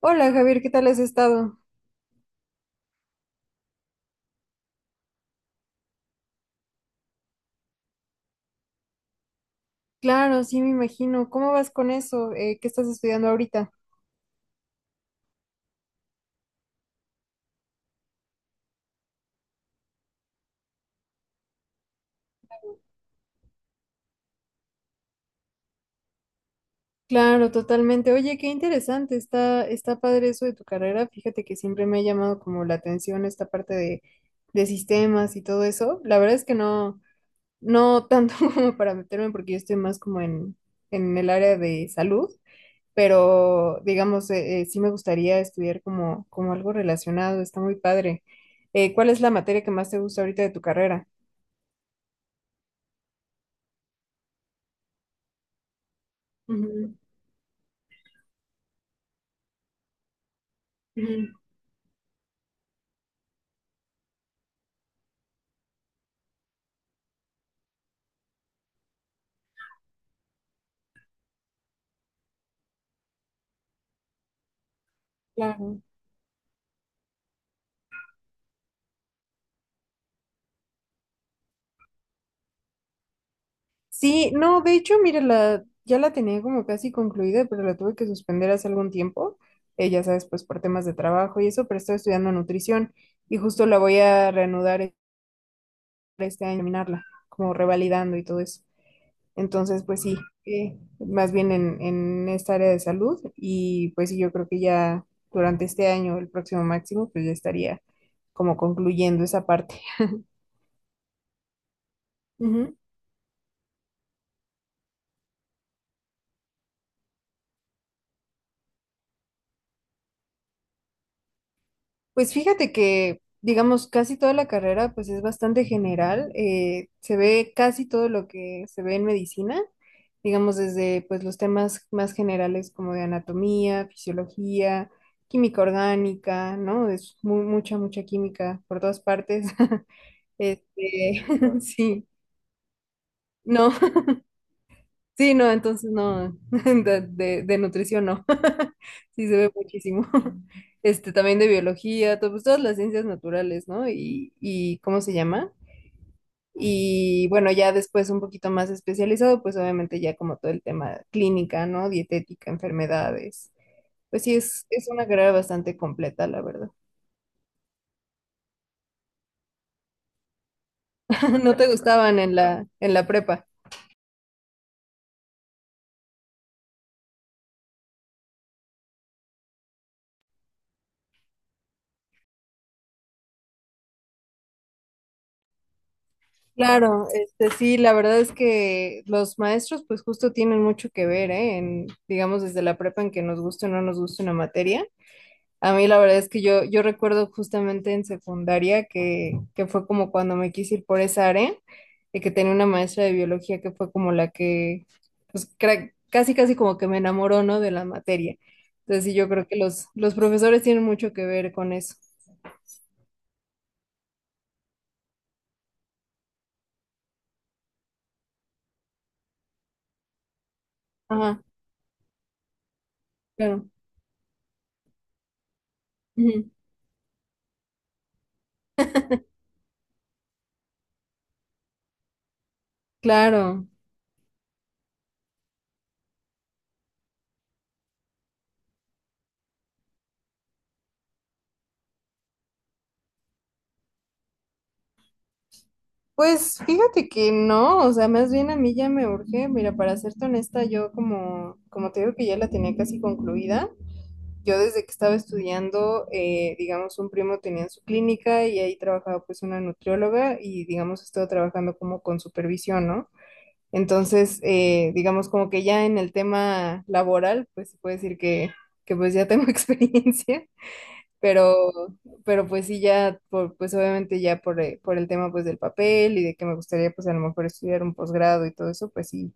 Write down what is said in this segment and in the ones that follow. Hola Javier, ¿qué tal has estado? Claro, sí, me imagino. ¿Cómo vas con eso? ¿Qué estás estudiando ahorita? Claro, totalmente. Oye, qué interesante. Está padre eso de tu carrera. Fíjate que siempre me ha llamado como la atención esta parte de sistemas y todo eso. La verdad es que no tanto como para meterme porque yo estoy más como en el área de salud, pero digamos, sí me gustaría estudiar como algo relacionado. Está muy padre. ¿Cuál es la materia que más te gusta ahorita de tu carrera? Ujú. Ujú. Claro. Sí, no, de hecho, mira, ya la tenía como casi concluida, pero la tuve que suspender hace algún tiempo, ya sabes, pues por temas de trabajo y eso, pero estaba estudiando nutrición y justo la voy a reanudar este año, terminarla, como revalidando y todo eso. Entonces, pues sí, más bien en esta área de salud y pues sí, yo creo que ya durante este año, el próximo máximo, pues ya estaría como concluyendo esa parte. Pues fíjate que, digamos, casi toda la carrera pues es bastante general, se ve casi todo lo que se ve en medicina, digamos desde pues los temas más generales como de anatomía, fisiología, química orgánica, ¿no? Es mucha química por todas partes. Este, sí, no. Sí, no, entonces no, de nutrición no. Sí se ve muchísimo. Este, también de biología, pues, todas las ciencias naturales, ¿no? Y ¿cómo se llama? Y bueno, ya después un poquito más especializado, pues obviamente ya como todo el tema clínica, ¿no? Dietética, enfermedades. Pues sí, es una carrera bastante completa, la verdad. ¿No te gustaban en en la prepa? Claro, este sí, la verdad es que los maestros pues justo tienen mucho que ver, ¿eh? En, digamos desde la prepa en que nos guste o no nos guste una materia. A mí la verdad es que yo recuerdo justamente en secundaria que fue como cuando me quise ir por esa área y que tenía una maestra de biología que fue como la que pues casi casi como que me enamoró, ¿no? De la materia. Entonces sí, yo creo que los profesores tienen mucho que ver con eso. Ajá, claro. Ujú. Claro. Pues fíjate que no, o sea, más bien a mí ya me urge, mira, para serte honesta, yo como, como te digo que ya la tenía casi concluida, yo desde que estaba estudiando, digamos, un primo tenía en su clínica y ahí trabajaba pues una nutrióloga y digamos, estuvo trabajando como con supervisión, ¿no? Entonces, digamos, como que ya en el tema laboral, pues se puede decir que pues ya tengo experiencia. Pero, pero pues sí, ya, por, pues obviamente ya por el tema pues del papel y de que me gustaría pues a lo mejor estudiar un posgrado y todo eso, pues sí,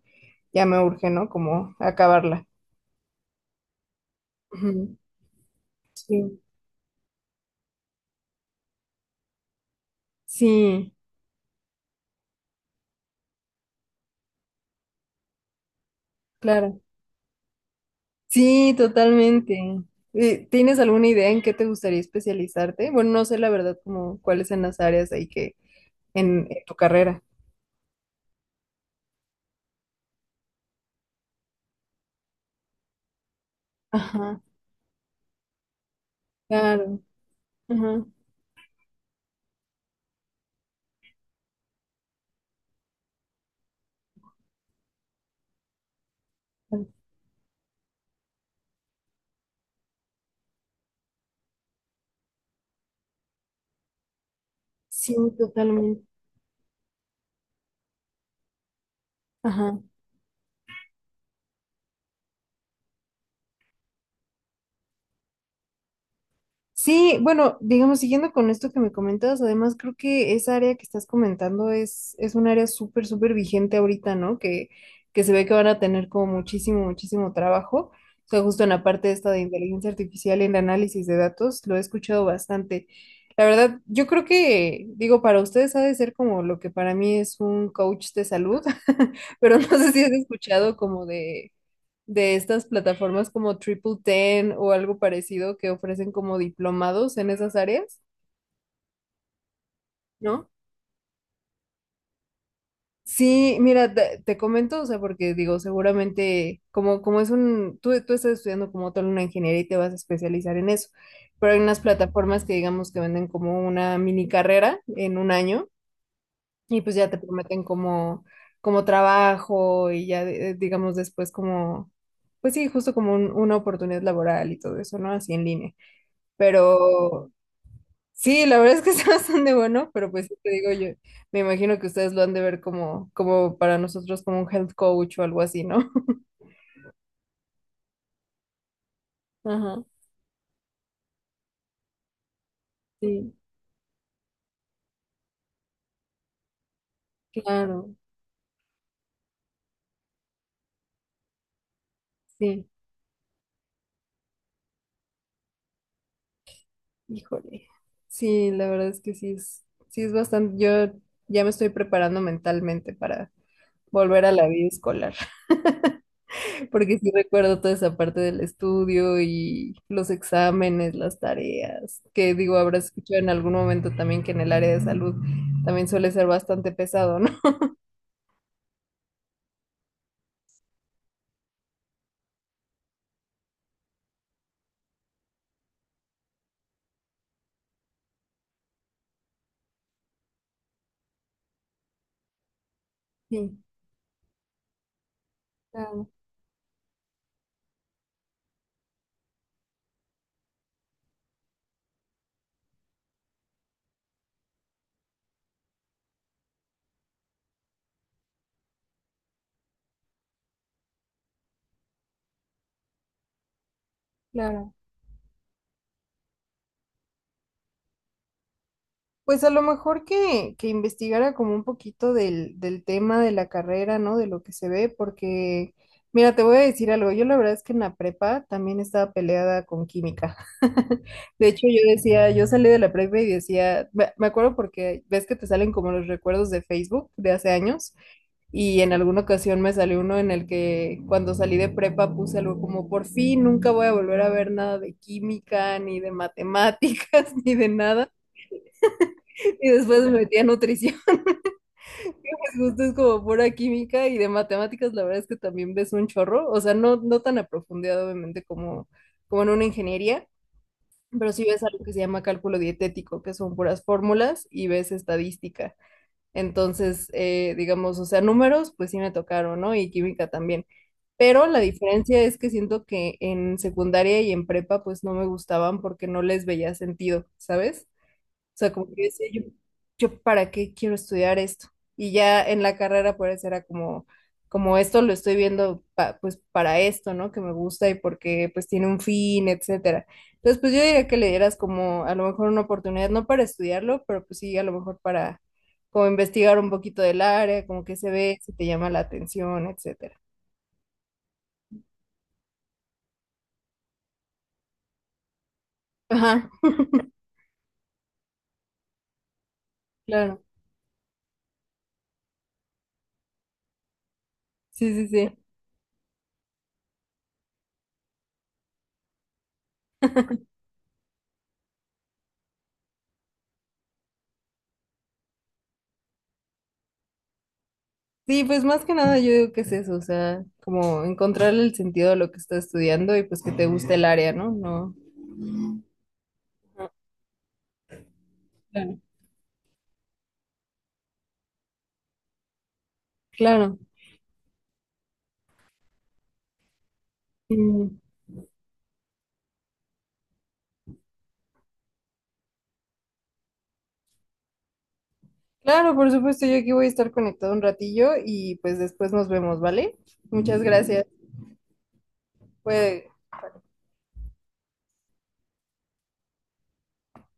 ya me urge, ¿no? Como acabarla. Ujú. Sí, sí, claro. Sí, totalmente. ¿Tienes alguna idea en qué te gustaría especializarte? Bueno, no sé la verdad como cuáles son las áreas ahí que en tu carrera. Ajá, claro. Ajá. Sí, totalmente. Ajá. Sí, bueno, digamos, siguiendo con esto que me comentas, además creo que esa área que estás comentando es un área súper, súper vigente ahorita, ¿no? Que se ve que van a tener como muchísimo, muchísimo trabajo. O sea, justo en la parte esta de inteligencia artificial y el análisis de datos, lo he escuchado bastante. La verdad, yo creo que, digo, para ustedes ha de ser como lo que para mí es un coach de salud, pero no sé si has escuchado como de estas plataformas como Triple Ten o algo parecido que ofrecen como diplomados en esas áreas, ¿no? Sí, mira, te comento, o sea, porque digo, seguramente, como, como es un, tú estás estudiando como tal una ingeniería y te vas a especializar en eso, pero hay unas plataformas que digamos que venden como una mini carrera en un año y pues ya te prometen como, como trabajo y ya digamos después como, pues sí, justo como una oportunidad laboral y todo eso, ¿no? Así en línea. Pero sí, la verdad es que está bastante bueno, pero pues sí te digo yo, me imagino que ustedes lo han de ver como, como para nosotros como un health coach o algo así, ¿no? Ajá, sí, claro, sí, híjole. Sí, la verdad es que sí sí es bastante, yo ya me estoy preparando mentalmente para volver a la vida escolar, porque sí recuerdo toda esa parte del estudio y los exámenes, las tareas, que digo, habrás escuchado en algún momento también que en el área de salud también suele ser bastante pesado, ¿no? Sí. Claro, claro. Pues a lo mejor que investigara como un poquito del tema de la carrera, ¿no? De lo que se ve, porque, mira, te voy a decir algo, yo la verdad es que en la prepa también estaba peleada con química. De hecho, yo decía, yo salí de la prepa y decía, me acuerdo porque ves que te salen como los recuerdos de Facebook de hace años, y en alguna ocasión me salió uno en el que cuando salí de prepa puse algo como, por fin, nunca voy a volver a ver nada de química, ni de matemáticas, ni de nada. Y después me metí a nutrición. Justo es como pura química y de matemáticas, la verdad es que también ves un chorro. O sea, no, no tan a profundidad, obviamente, como, como en una ingeniería, pero sí ves algo que se llama cálculo dietético, que son puras fórmulas y ves estadística. Entonces, digamos, o sea, números, pues sí me tocaron, ¿no? Y química también. Pero la diferencia es que siento que en secundaria y en prepa, pues no me gustaban porque no les veía sentido, ¿sabes? O sea, como que decía yo, yo para qué quiero estudiar esto. Y ya en la carrera pues era como, como esto lo estoy viendo pues para esto, ¿no? Que me gusta y porque pues tiene un fin, etcétera. Entonces pues yo diría que le dieras como a lo mejor una oportunidad, no para estudiarlo, pero pues sí, a lo mejor para como investigar un poquito del área, como que se ve, si te llama la atención, etcétera. Ajá, claro. Sí, sí, sí. Sí, pues más que nada yo digo que es eso, o sea, como encontrarle el sentido a lo que estás estudiando y pues que te guste el área, ¿no? No, no. Claro. Claro, Mm, claro, por supuesto, yo aquí voy a estar conectado un ratillo y pues después nos vemos, ¿vale? Muchas gracias. Fue